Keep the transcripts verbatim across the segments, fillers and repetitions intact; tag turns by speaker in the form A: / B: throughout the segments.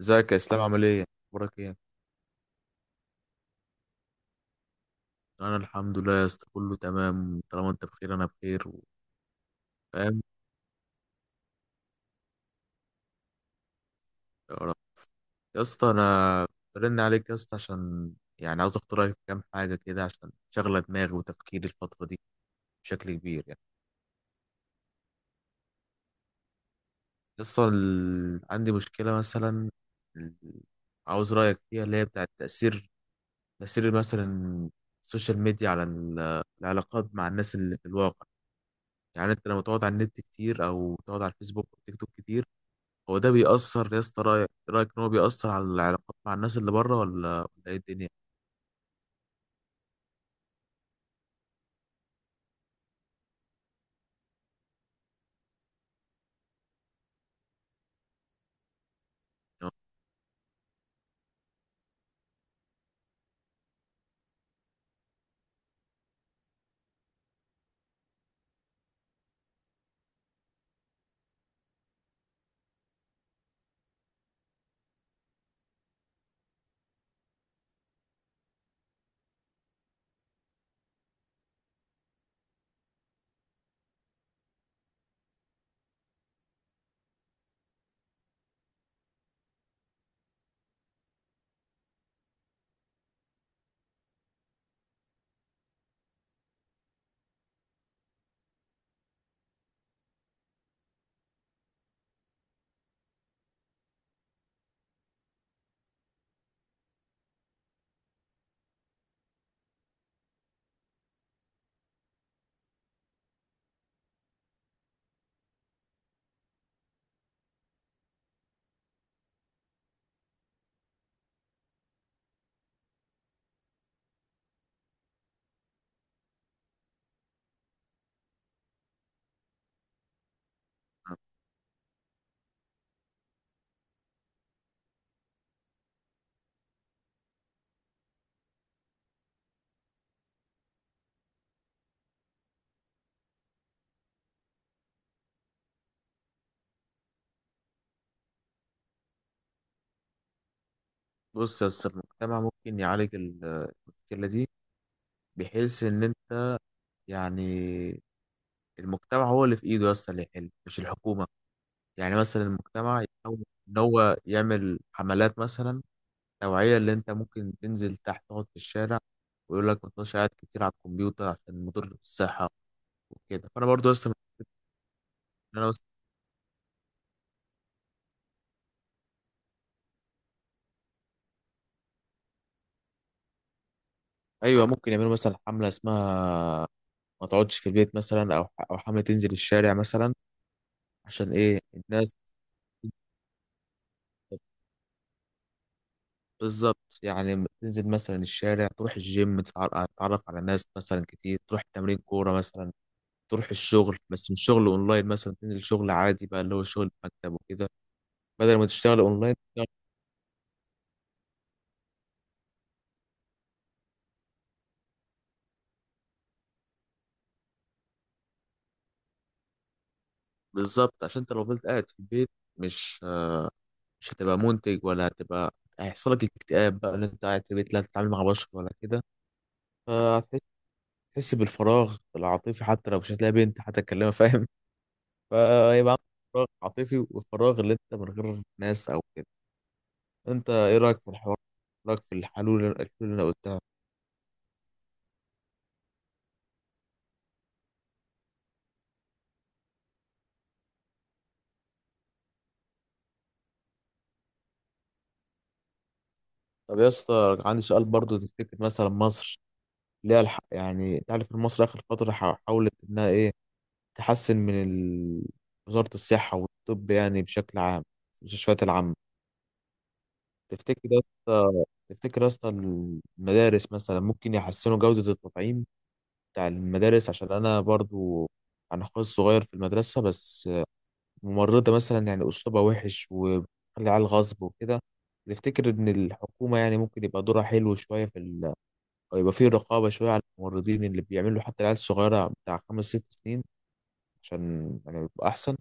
A: ازيك يا اسلام؟ عامل ايه؟ اخبارك ايه؟ انا الحمد لله يا اسطى، كله تمام. طالما انت بخير انا بخير و- فاهم. يا رب. يا اسطى انا برن عليك يا اسطى عشان يعني عاوز اخد رايك في كام حاجه كده، عشان شغله دماغي وتفكيري الفتره دي بشكل كبير يعني. يا اسطى ال- عندي مشكله مثلا، ال- عاوز رايك فيها، اللي هي بتاعت تاثير، تاثير مثلا السوشيال ميديا على ال- العلاقات مع الناس اللي في الواقع. يعني انت لما تقعد على النت كتير، او تقعد على الفيسبوك والتيك توك كتير، هو ده بيأثر يا اسطى؟ رأيك رأيك إن هو بيأثر على العلاقات مع الناس اللي بره، ولا ولا إيه الدنيا؟ يعني بص يا اسطى، المجتمع ممكن يعالج ال- المشكلة دي بحيث إن أنت يعني، المجتمع هو اللي في إيده يا اسطى اللي يحل، مش الحكومة. يعني مثلا المجتمع يحاول إن هو يعمل حملات مثلا توعية، اللي أنت ممكن تنزل تحت تقعد في الشارع ويقول لك ما تبقاش قاعد كتير على الكمبيوتر عشان مضر بالصحة وكده. فأنا برضو يا اسطى، أنا مثلا، أيوه ممكن يعملوا مثلا حملة اسمها ما تقعدش في البيت مثلا، او او حامل تنزل الشارع مثلا عشان ايه الناس. بالظبط، يعني تنزل مثلا الشارع، تروح الجيم، تتع- تتعرف على ناس مثلا كتير، تروح تمرين كورة مثلا، تروح الشغل، بس مش شغل اونلاين، مثلا تنزل شغل عادي بقى اللي هو شغل في مكتب وكده، بدل ما تشتغل اونلاين تشتغل- بالظبط. عشان انت لو فضلت قاعد في البيت، مش مش هتبقى منتج ولا هتبقى هيحصل لك اكتئاب بقى ان انت قاعد في البيت لا تتعامل مع بشر ولا كده، فهتحس، تحس بالفراغ العاطفي، حتى لو مش هتلاقي بنت هتكلمها، فاهم؟ فيبقى عندك فراغ عاطفي، والفراغ اللي انت من غير ناس او كده. انت ايه رايك في الحوار؟ رايك في الحلول الحلول اللي انا قلتها؟ طب يا اسطى، عندي سؤال برضو. تفتكر مثلا مصر ليها الح... يعني انت عارف ان مصر اخر فتره حا- حاولت انها ايه تحسن من ال... وزاره الصحه والطب يعني بشكل عام، المستشفيات العامه. تفتكر يا اسطى تفتكر يا اسطى المدارس مثلا ممكن يحسنوا جوده التطعيم بتاع المدارس؟ عشان انا برضو، انا اخويا الصغير في المدرسه، بس ممرضة مثلا يعني أسلوبها وحش وبتخلي على الغصب وكده. تفتكر إن الحكومة يعني ممكن يبقى دورها حلو شوية في ال...، أو يبقى فيه رقابة شوية على الممرضين اللي بيعملوا حتى العيال الصغيرة بتاع خمس ست سنين، عشان يعني يبقى أحسن.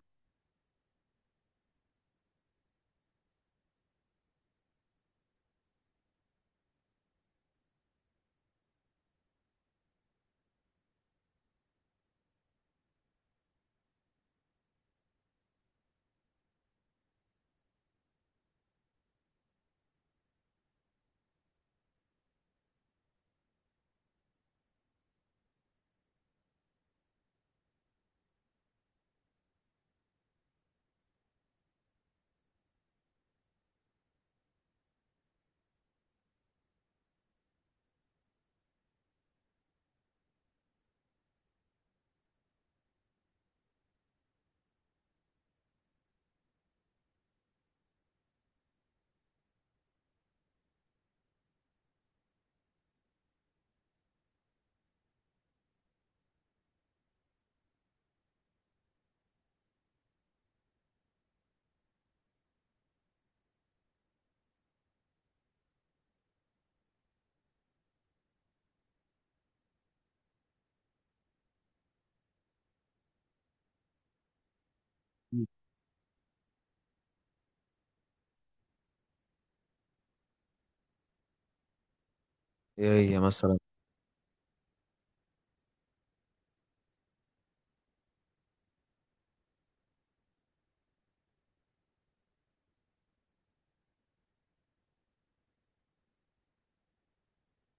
A: إيه هي مثلا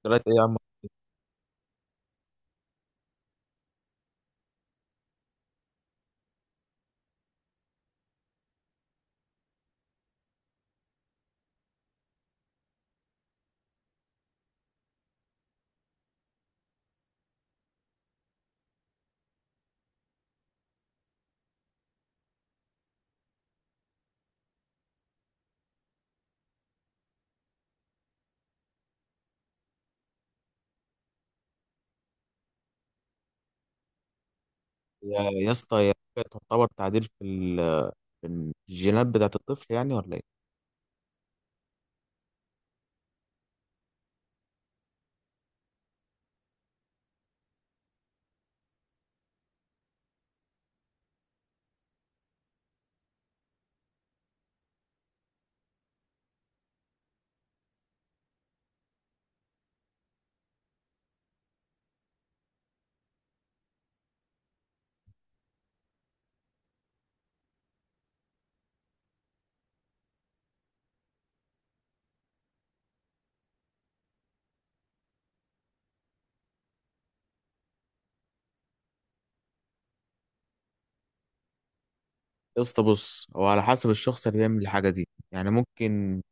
A: دلوقتي إيه يا عم؟ يا يا اسطى هي حاجة تعتبر تعديل في، ال...، في الجينات بتاعة الطفل يعني ولا إيه؟ يا اسطى بص، هو على حسب الشخص اللي بيعمل الحاجة دي، يعني ممكن،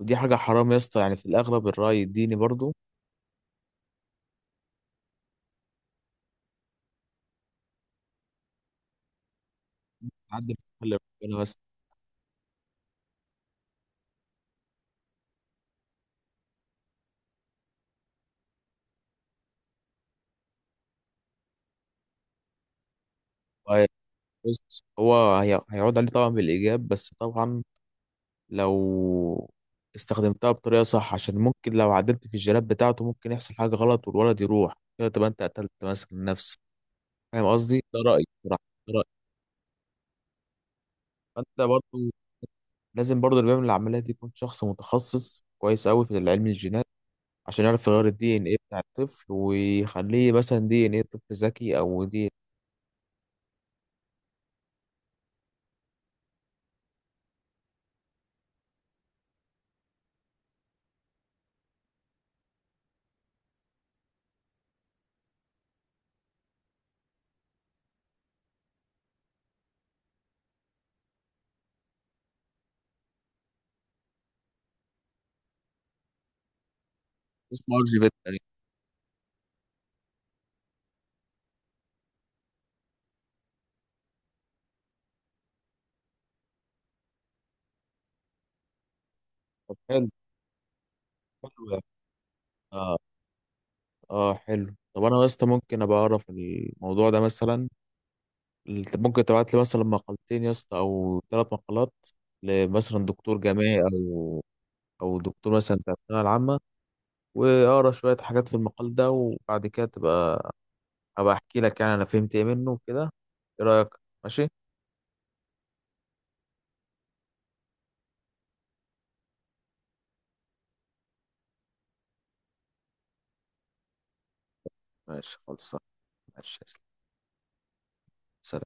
A: ودي حاجة حرام يا اسطى يعني في الأغلب، الرأي الديني برضو تعدل في حل ربنا، بس بص، هو هي... هيعود عليه طبعا بالإيجاب، بس طبعا لو استخدمتها بطريقة صح، عشان ممكن لو عدلت في الجلاب بتاعته ممكن يحصل حاجة غلط والولد يروح كده، تبقى أنت قتلت مثلا نفسك. فاهم قصدي؟ ده رأيي بصراحة، ده رأيي. فأنت برضه لازم برضه اللي بيعمل العملية دي يكون شخص متخصص كويس أوي في علم الجينات، عشان يعرف يغير الدي إن إيه بتاع الطفل ويخليه مثلا دي إن إيه طفل ذكي، أو دي اسمه أرجيفيت يعني. طب حلو، حلو يعني. آه. اه حلو. طب انا يا اسطى ممكن ابقى اعرف الموضوع ده مثلا؟ الت- ممكن تبعت لي مثلا مقالتين يا اسطى، او ثلاث مقالات لمثلا دكتور جامعي، او او دكتور مثلا بتاع الثانويه العامه، واقرا شويه حاجات في المقال ده، وبعد كده تبقى ابقى احكي لك يعني انا فهمت ايه منه وكده. ايه رايك؟ ماشي؟ ماشي خلصان. ماشي يا اسطى.